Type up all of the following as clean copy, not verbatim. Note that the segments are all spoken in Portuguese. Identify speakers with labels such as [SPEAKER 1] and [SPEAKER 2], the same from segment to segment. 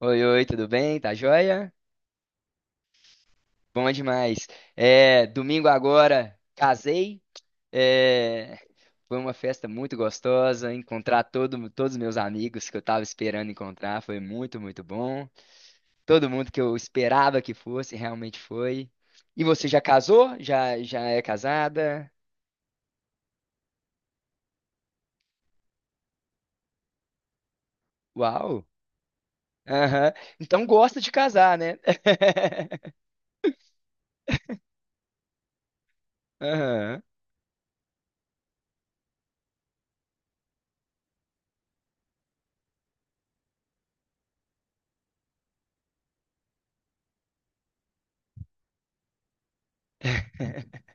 [SPEAKER 1] Oi, oi, tudo bem? Tá joia? Bom demais. Domingo agora, casei. É, Foi uma festa muito gostosa. Encontrar todos os meus amigos que eu tava esperando encontrar foi muito bom. Todo mundo que eu esperava que fosse, realmente foi. E você já casou? Já é casada? Uau! Aham. Então gosta de casar, né? Aham.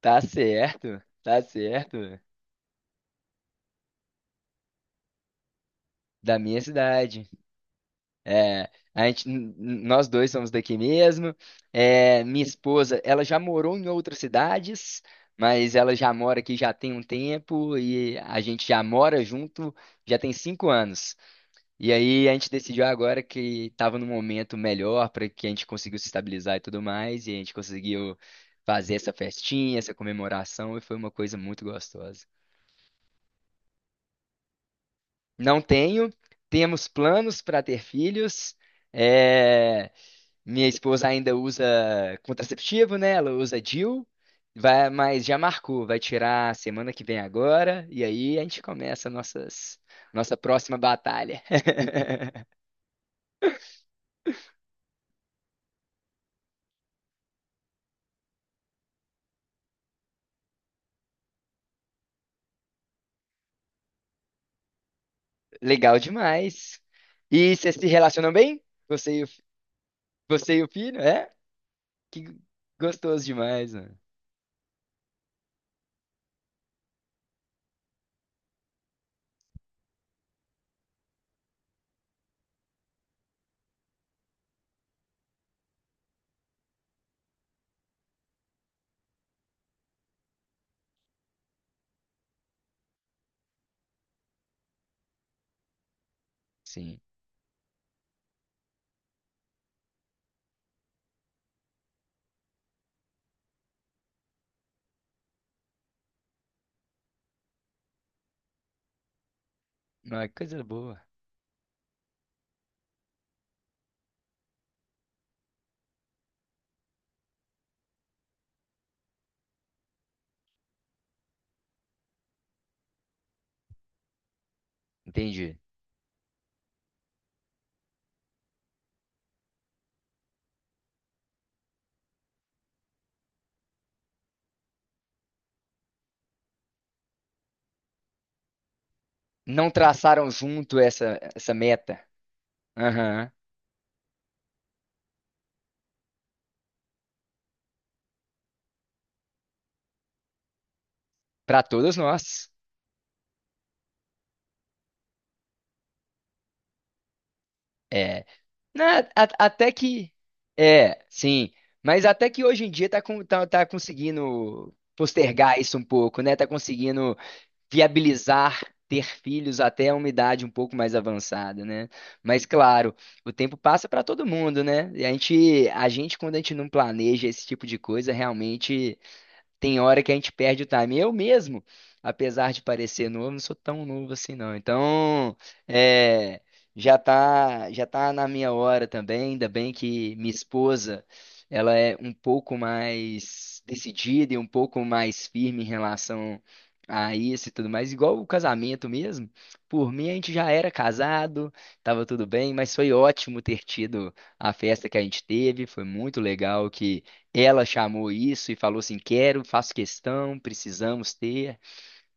[SPEAKER 1] Tá certo. Da minha cidade. É, a gente, nós dois somos daqui mesmo. É, minha esposa, ela já morou em outras cidades, mas ela já mora aqui já tem um tempo e a gente já mora junto já tem cinco anos. E aí a gente decidiu agora que estava num momento melhor para que a gente conseguiu se estabilizar e tudo mais, e a gente conseguiu fazer essa festinha, essa comemoração, e foi uma coisa muito gostosa. Não tenho, temos planos para ter filhos. é, Minha esposa ainda usa contraceptivo, né? Ela usa DIU, vai, mas já marcou, vai tirar semana que vem agora, e aí a gente começa nossas, nossa próxima batalha. Legal demais. E vocês se relacionam bem? Você você e o filho, é? Que gostoso demais, mano. Sim. Não, é coisa boa. Entendi. Não traçaram junto essa meta. Aham. Pra todos nós. É. Né, a- até que. É, sim. Mas até que hoje em dia tá conseguindo postergar isso um pouco, né? Tá conseguindo viabilizar ter filhos até uma idade um pouco mais avançada, né? Mas claro, o tempo passa para todo mundo, né? E a gente, quando a gente não planeja esse tipo de coisa, realmente. Tem hora que a gente perde o time. Eu mesmo, apesar de parecer novo, não sou tão novo assim, não. Então, é, já tá na minha hora também. Ainda bem que minha esposa, ela é um pouco mais decidida e um pouco mais firme em relação a isso e tudo mais. Igual o casamento mesmo. Por mim, a gente já era casado, tava tudo bem, mas foi ótimo ter tido a festa que a gente teve. Foi muito legal, ela chamou isso e falou assim: quero, faço questão, precisamos ter,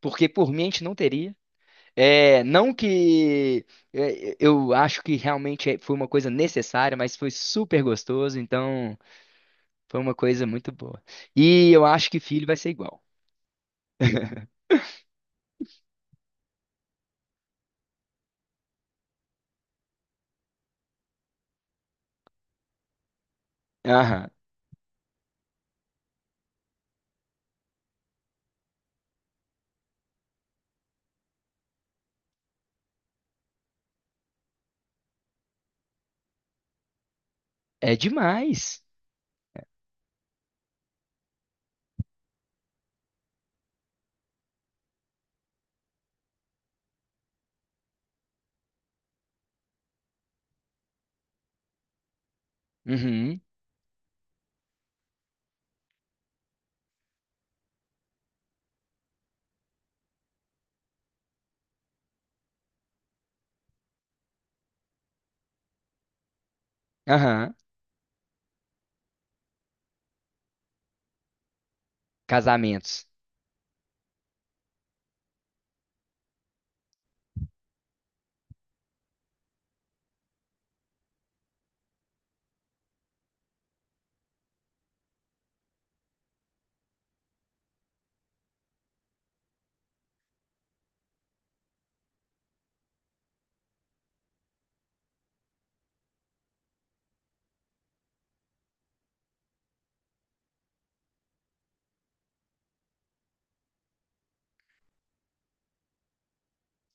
[SPEAKER 1] porque por mim a gente não teria. É, não que é, eu acho que realmente foi uma coisa necessária, mas foi super gostoso, então foi uma coisa muito boa. E eu acho que filho vai ser igual. Aham. É demais. Uhum. Aham. Casamentos.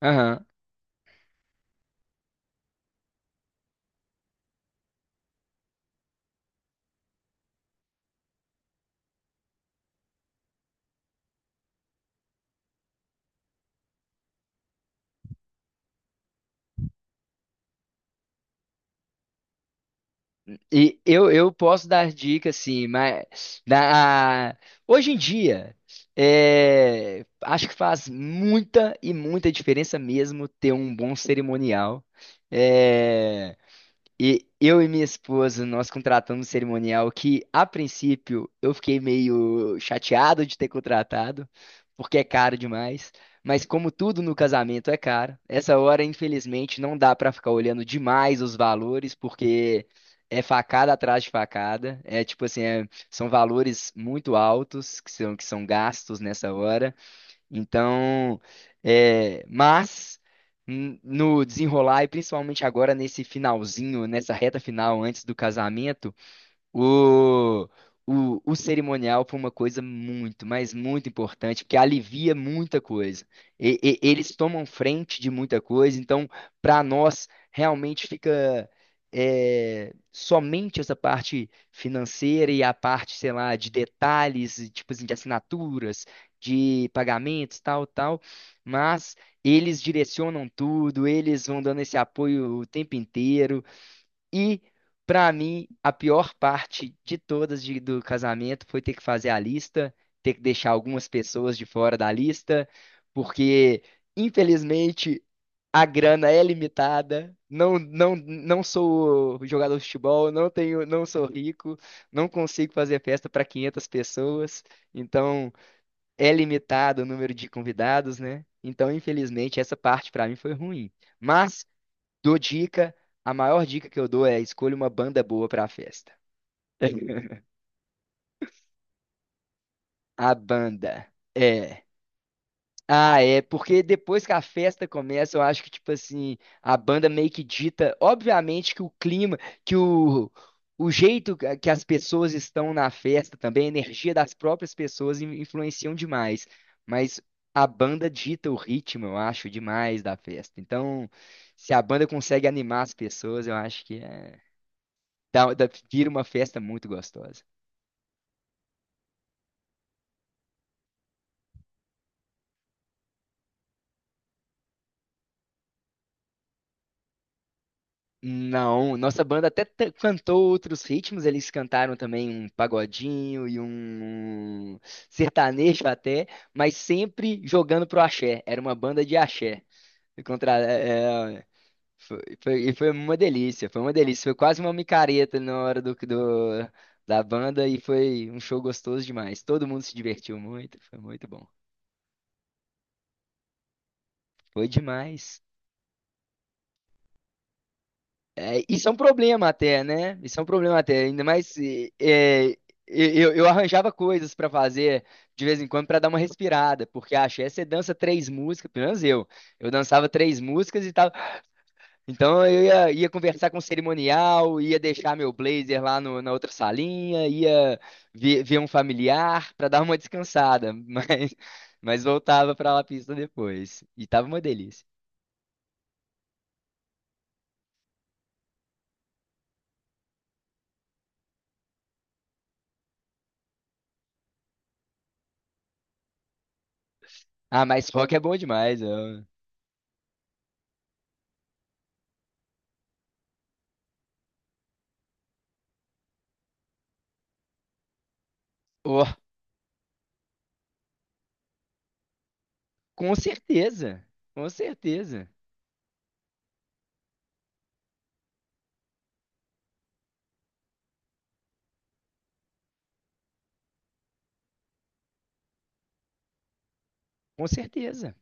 [SPEAKER 1] Aham. E eu posso dar dica, hoje em dia, acho que faz muita e muita diferença mesmo ter um bom cerimonial. É, e eu e minha esposa, nós contratamos um cerimonial que, a princípio, eu fiquei meio chateado de ter contratado, porque é caro demais. Mas como tudo no casamento é caro, essa hora, infelizmente, não dá pra ficar olhando demais os valores, porque é facada atrás de facada. É tipo assim, são valores muito altos que que são gastos nessa hora. Então, é, mas no desenrolar, e principalmente agora nesse finalzinho, nessa reta final antes do casamento, o, o cerimonial foi uma coisa muito, mas muito importante, porque alivia muita coisa. Eles tomam frente de muita coisa, então, para nós, realmente fica somente essa parte financeira e a parte, sei lá, de detalhes, tipo assim, de assinaturas, de pagamentos, tal, tal, mas eles direcionam tudo, eles vão dando esse apoio o tempo inteiro. E, pra mim, a pior parte de todas do casamento foi ter que fazer a lista, ter que deixar algumas pessoas de fora da lista, porque, infelizmente, a grana é limitada. Não sou jogador de futebol, não tenho, não sou rico, não consigo fazer festa para 500 pessoas, então é limitado o número de convidados, né? Então, infelizmente, essa parte pra mim foi ruim. Mas dou dica. A maior dica que eu dou é: escolha uma banda boa pra festa. A banda é. Ah, é, porque depois que a festa começa, eu acho que, tipo assim, a banda meio que dita, obviamente, que o clima, que o, o jeito que as pessoas estão na festa também, a energia das próprias pessoas influenciam demais. Mas a banda dita o ritmo, eu acho, demais da festa. Então, se a banda consegue animar as pessoas, eu acho que é. Vira uma festa muito gostosa. Não, nossa banda até cantou outros ritmos, eles cantaram também um pagodinho e um sertanejo até, mas sempre jogando pro axé. Era uma banda de axé. E Contra, é, é, foi, foi- e foi uma delícia, foi uma delícia. Foi quase uma micareta na hora da banda e foi um show gostoso demais. Todo mundo se divertiu muito, foi muito bom. Foi demais. É, isso é um problema até, né? Isso é um problema até, ainda mais eu arranjava coisas pra fazer de vez em quando pra dar uma respirada, porque a axé você dança três músicas, pelo menos eu dançava três músicas e tal, então ia conversar com o cerimonial, ia deixar meu blazer lá na outra salinha, ia ver um familiar pra dar uma descansada, mas voltava pra lá pista depois, e tava uma delícia. Ah, mas rock é bom demais, ó. Com certeza, com certeza, com certeza.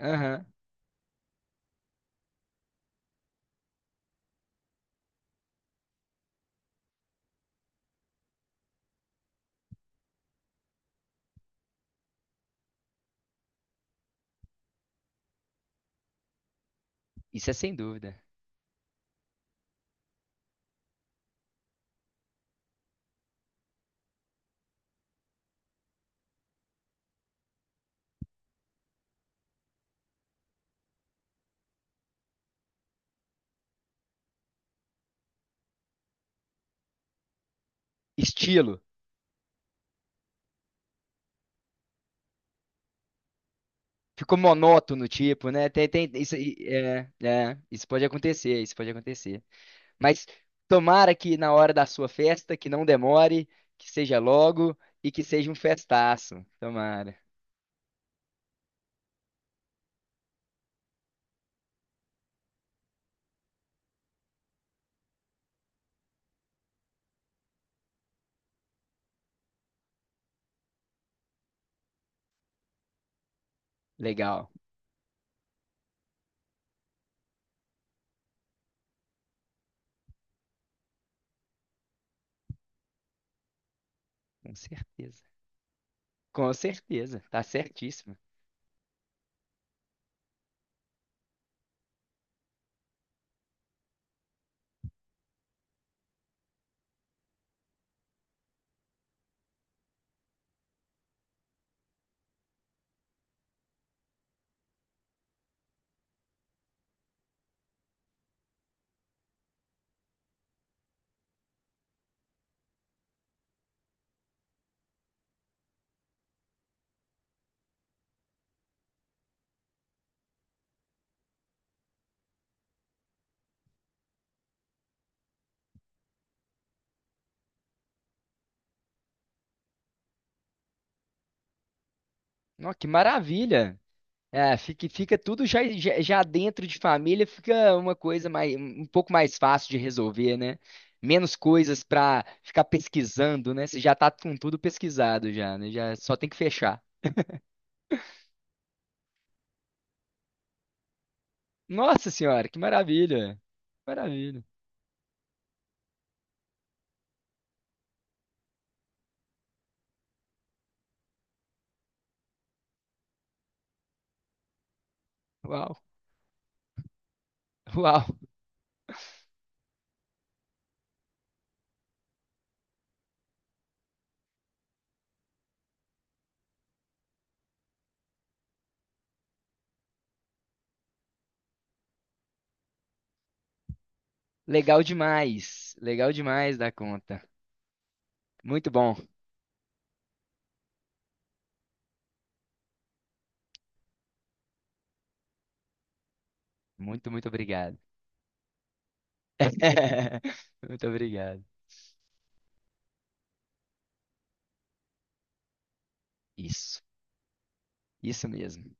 [SPEAKER 1] Aham, isso é sem dúvida. Estilo. Ficou monótono, tipo, né? Isso, aí, é, isso pode acontecer, isso pode acontecer. Mas tomara que na hora da sua festa, que não demore, que seja logo e que seja um festaço. Tomara. Legal. Com certeza. Com certeza. Tá certíssimo. Nó, que maravilha. É, fica tudo já dentro de família, fica uma coisa mais, um pouco mais fácil de resolver, né? Menos coisas pra ficar pesquisando, né? Você já tá com tudo pesquisado já, né? Já só tem que fechar. Nossa senhora, que maravilha! Maravilha. Uau, uau. Legal demais. Legal demais da conta. Muito bom. Muito obrigado. Muito obrigado. Isso. Isso mesmo.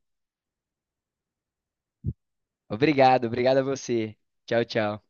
[SPEAKER 1] Obrigado, obrigado a você. Tchau, tchau.